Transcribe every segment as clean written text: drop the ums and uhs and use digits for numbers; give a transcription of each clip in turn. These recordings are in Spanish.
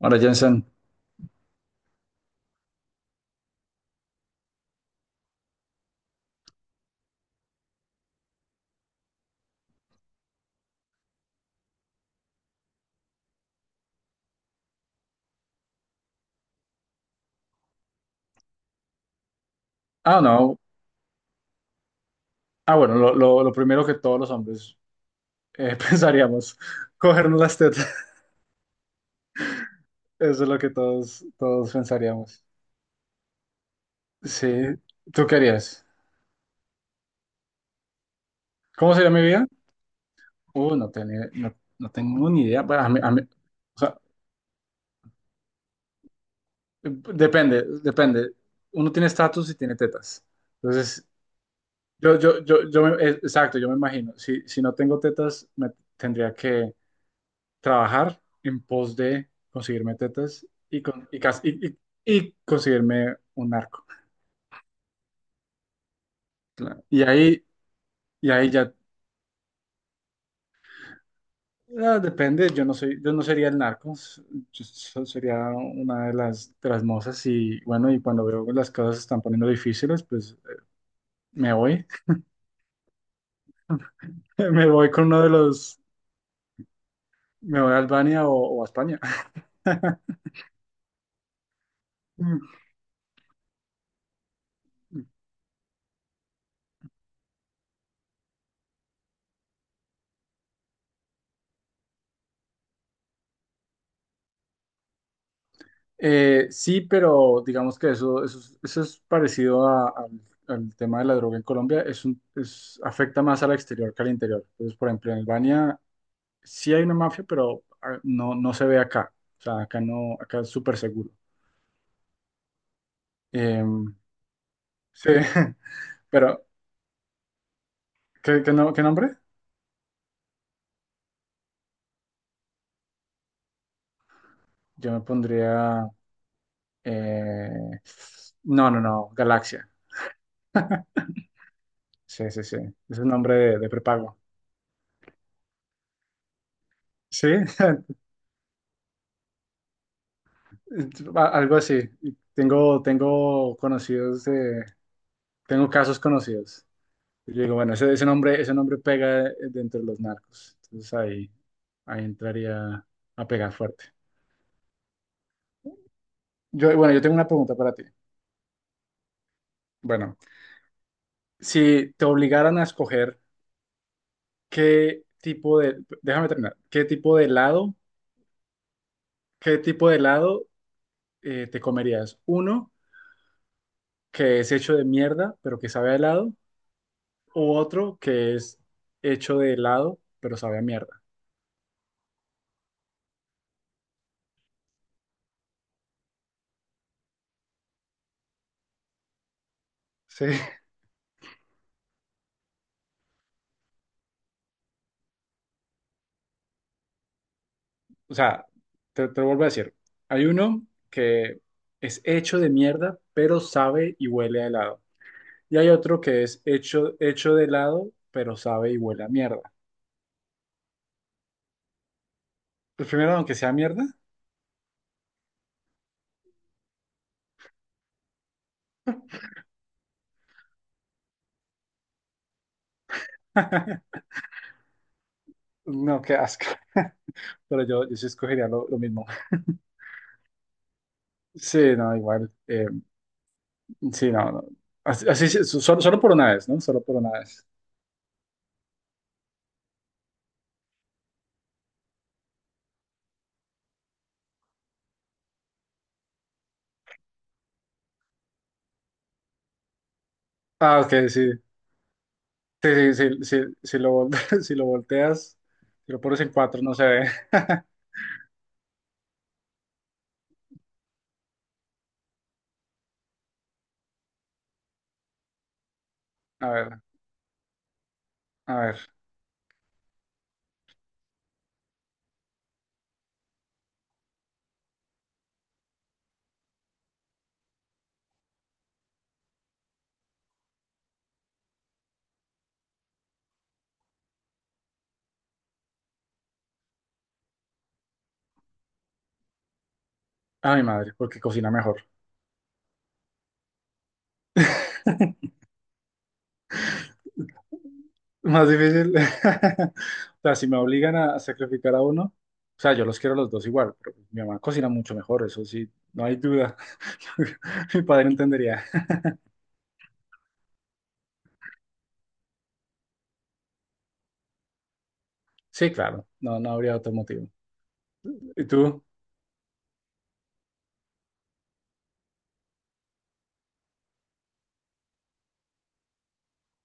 Ahora, Jensen. Ah, no, ah, Bueno, lo primero que todos los hombres pensaríamos, cogernos las tetas, eso es lo que todos pensaríamos. Sí, ¿tú querías? ¿Cómo sería mi vida? No, no tengo ni idea. Bueno, a mí- o sea, depende, depende, uno tiene estatus y tiene tetas. Entonces, exacto, yo me imagino, si no tengo tetas, me tendría que trabajar en pos de conseguirme tetas y conseguirme un narco. Claro. Y ahí ya depende. Yo no sería el narco. Sería una de de las mozas y bueno, y cuando veo que las cosas se están poniendo difíciles, pues me voy, me voy con uno de me voy a Albania o a España. Sí, pero digamos que eso es parecido al tema de la droga en Colombia. Afecta más al exterior que al interior. Entonces, por ejemplo, en Albania sí hay una mafia, pero no, no se ve acá. O sea, acá no, acá es súper seguro. Eh, sí, pero ¿qué, qué no- ¿qué nombre? Yo me pondría... eh, no, no, no, Galaxia. Sí, sí, sí. Es un nombre de prepago. Sí. Algo así. Tengo, tengo conocidos de, tengo casos conocidos. Y yo digo, bueno, ese nombre pega dentro de los narcos. Entonces ahí entraría a pegar fuerte. Yo, bueno, yo tengo una pregunta para ti. Bueno, si te obligaran a escoger qué tipo de, déjame terminar, qué tipo de helado, qué tipo de helado te comerías. Uno que es hecho de mierda, pero que sabe a helado, o otro que es hecho de helado, pero sabe a mierda. Sí, o sea, te lo vuelvo a decir. Hay uno que es hecho de mierda, pero sabe y huele a helado. Y hay otro que es hecho de helado, pero sabe y huele a mierda. El primero, aunque sea mierda. No, qué asco. Pero yo sí escogería lo mismo. Sí, no, igual. Sí, no, no. Así sí, solo por una vez, ¿no? Solo por una vez. Ah, ok, sí. Sí, sí, sí, sí, si lo volteas, si lo pones en cuatro, no se ve. A ver, a ver. A mi madre, porque cocina mejor. Más difícil. O sea, si me obligan a sacrificar a uno, o sea, yo los quiero a los dos igual, pero mi mamá cocina mucho mejor, eso sí, no hay duda. Mi padre entendería. Sí, claro, no, no habría otro motivo. ¿Y tú?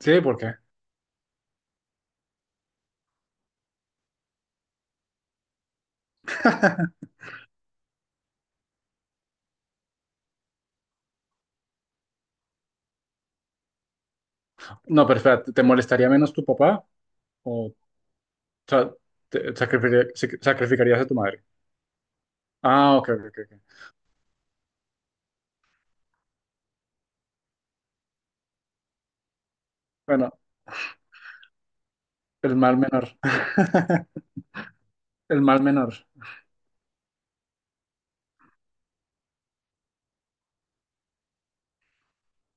Sí, ¿por qué? No, pero espera, ¿te molestaría menos tu papá? ¿O sa- te- sacrificaría- sac- sacrificarías a tu madre? Ah, ok, ok, ok, ok. Bueno, el mal menor. El mal menor.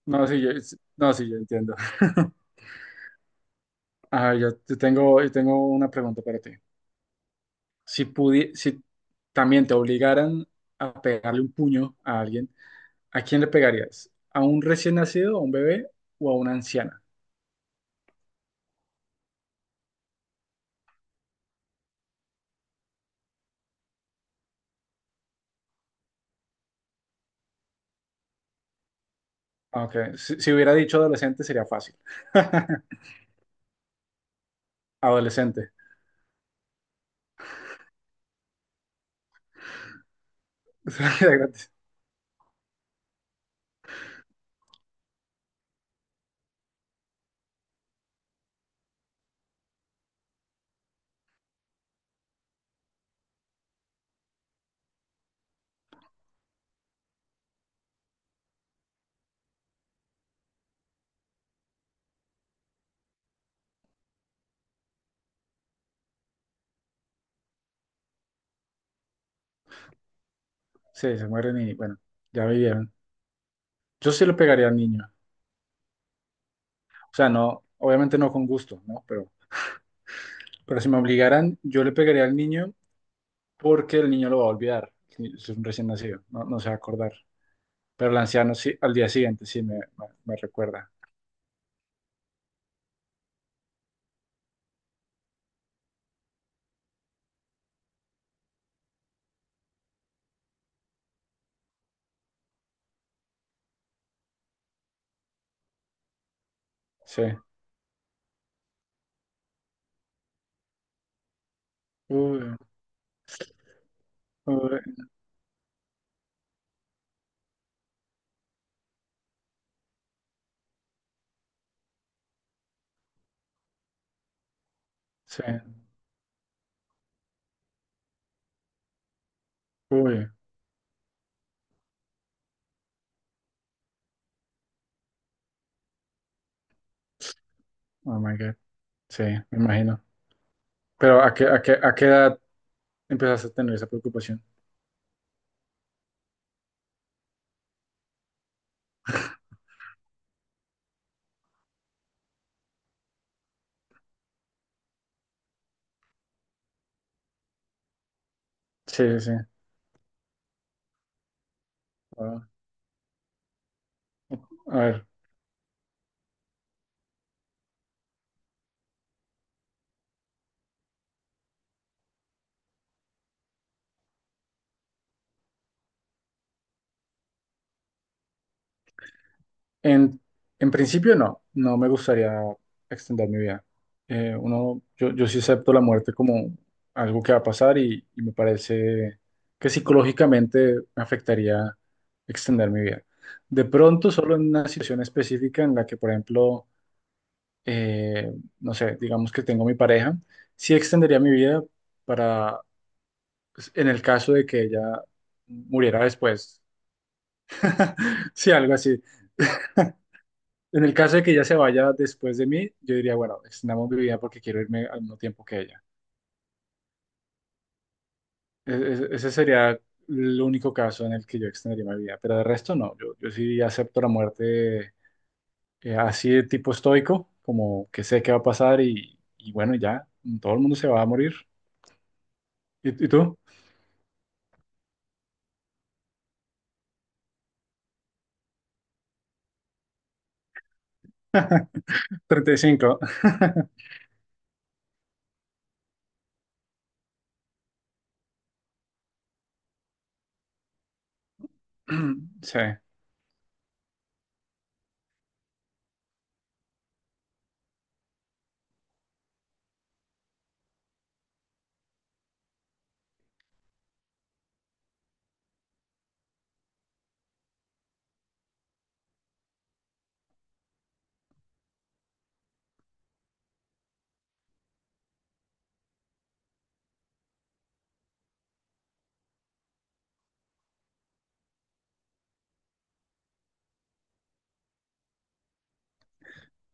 No, sí, yo, sí, no, sí, yo entiendo. Yo tengo una pregunta para ti. Si también te obligaran a pegarle un puño a alguien, ¿a quién le pegarías? ¿A un recién nacido, a un bebé o a una anciana? Aunque si, si hubiera dicho adolescente sería fácil. Adolescente. Sí, se mueren y bueno, ya vivieron. Yo sí le pegaría al niño. O sea, no, obviamente no con gusto, ¿no? Pero si me obligaran, yo le pegaría al niño porque el niño lo va a olvidar. Si, si es un recién nacido, no, no se va a acordar. Pero el anciano sí, al día siguiente sí me recuerda. Sí. Uy, uy, sí. Uy, oh my God. Sí, me imagino. Pero ¿a qué edad empezaste a tener esa preocupación? Sí, sí, sí. Wow. A ver, En, en principio no, no me gustaría extender mi vida. Uno, yo sí acepto la muerte como algo que va a pasar, y me parece que psicológicamente me afectaría extender mi vida. De pronto, solo en una situación específica en la que, por ejemplo, eh, no sé, digamos que tengo mi pareja, sí extendería mi vida para, pues, en el caso de que ella muriera después. Sí, algo así. En el caso de que ella se vaya después de mí, yo diría, bueno, extendamos mi vida porque quiero irme al mismo tiempo que ella. E- Ese sería el único caso en el que yo extendería mi vida, pero de resto no. Yo sí acepto la muerte así de tipo estoico, como que sé qué va a pasar y bueno, ya, todo el mundo se va a morir. Y tú? 35. Sí,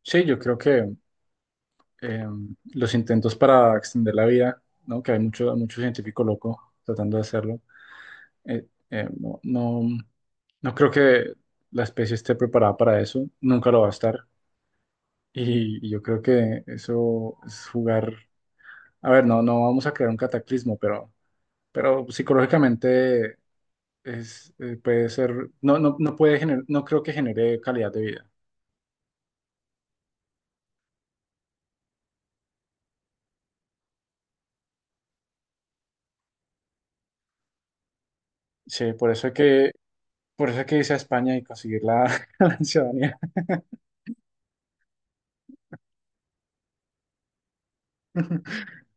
sí, yo creo que eh, los intentos para extender la vida, ¿no? Que hay mucho, mucho científico loco tratando de hacerlo. No, no, no creo que la especie esté preparada para eso, nunca lo va a estar. Y yo creo que eso es jugar. A ver, no, no vamos a crear un cataclismo, pero psicológicamente puede ser, no puede no creo que genere calidad de vida. Sí, por eso hay que, por eso hay que irse a España y conseguir la, la ciudadanía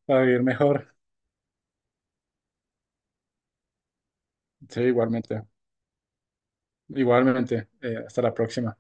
para vivir mejor. Sí, igualmente, igualmente. Hasta la próxima.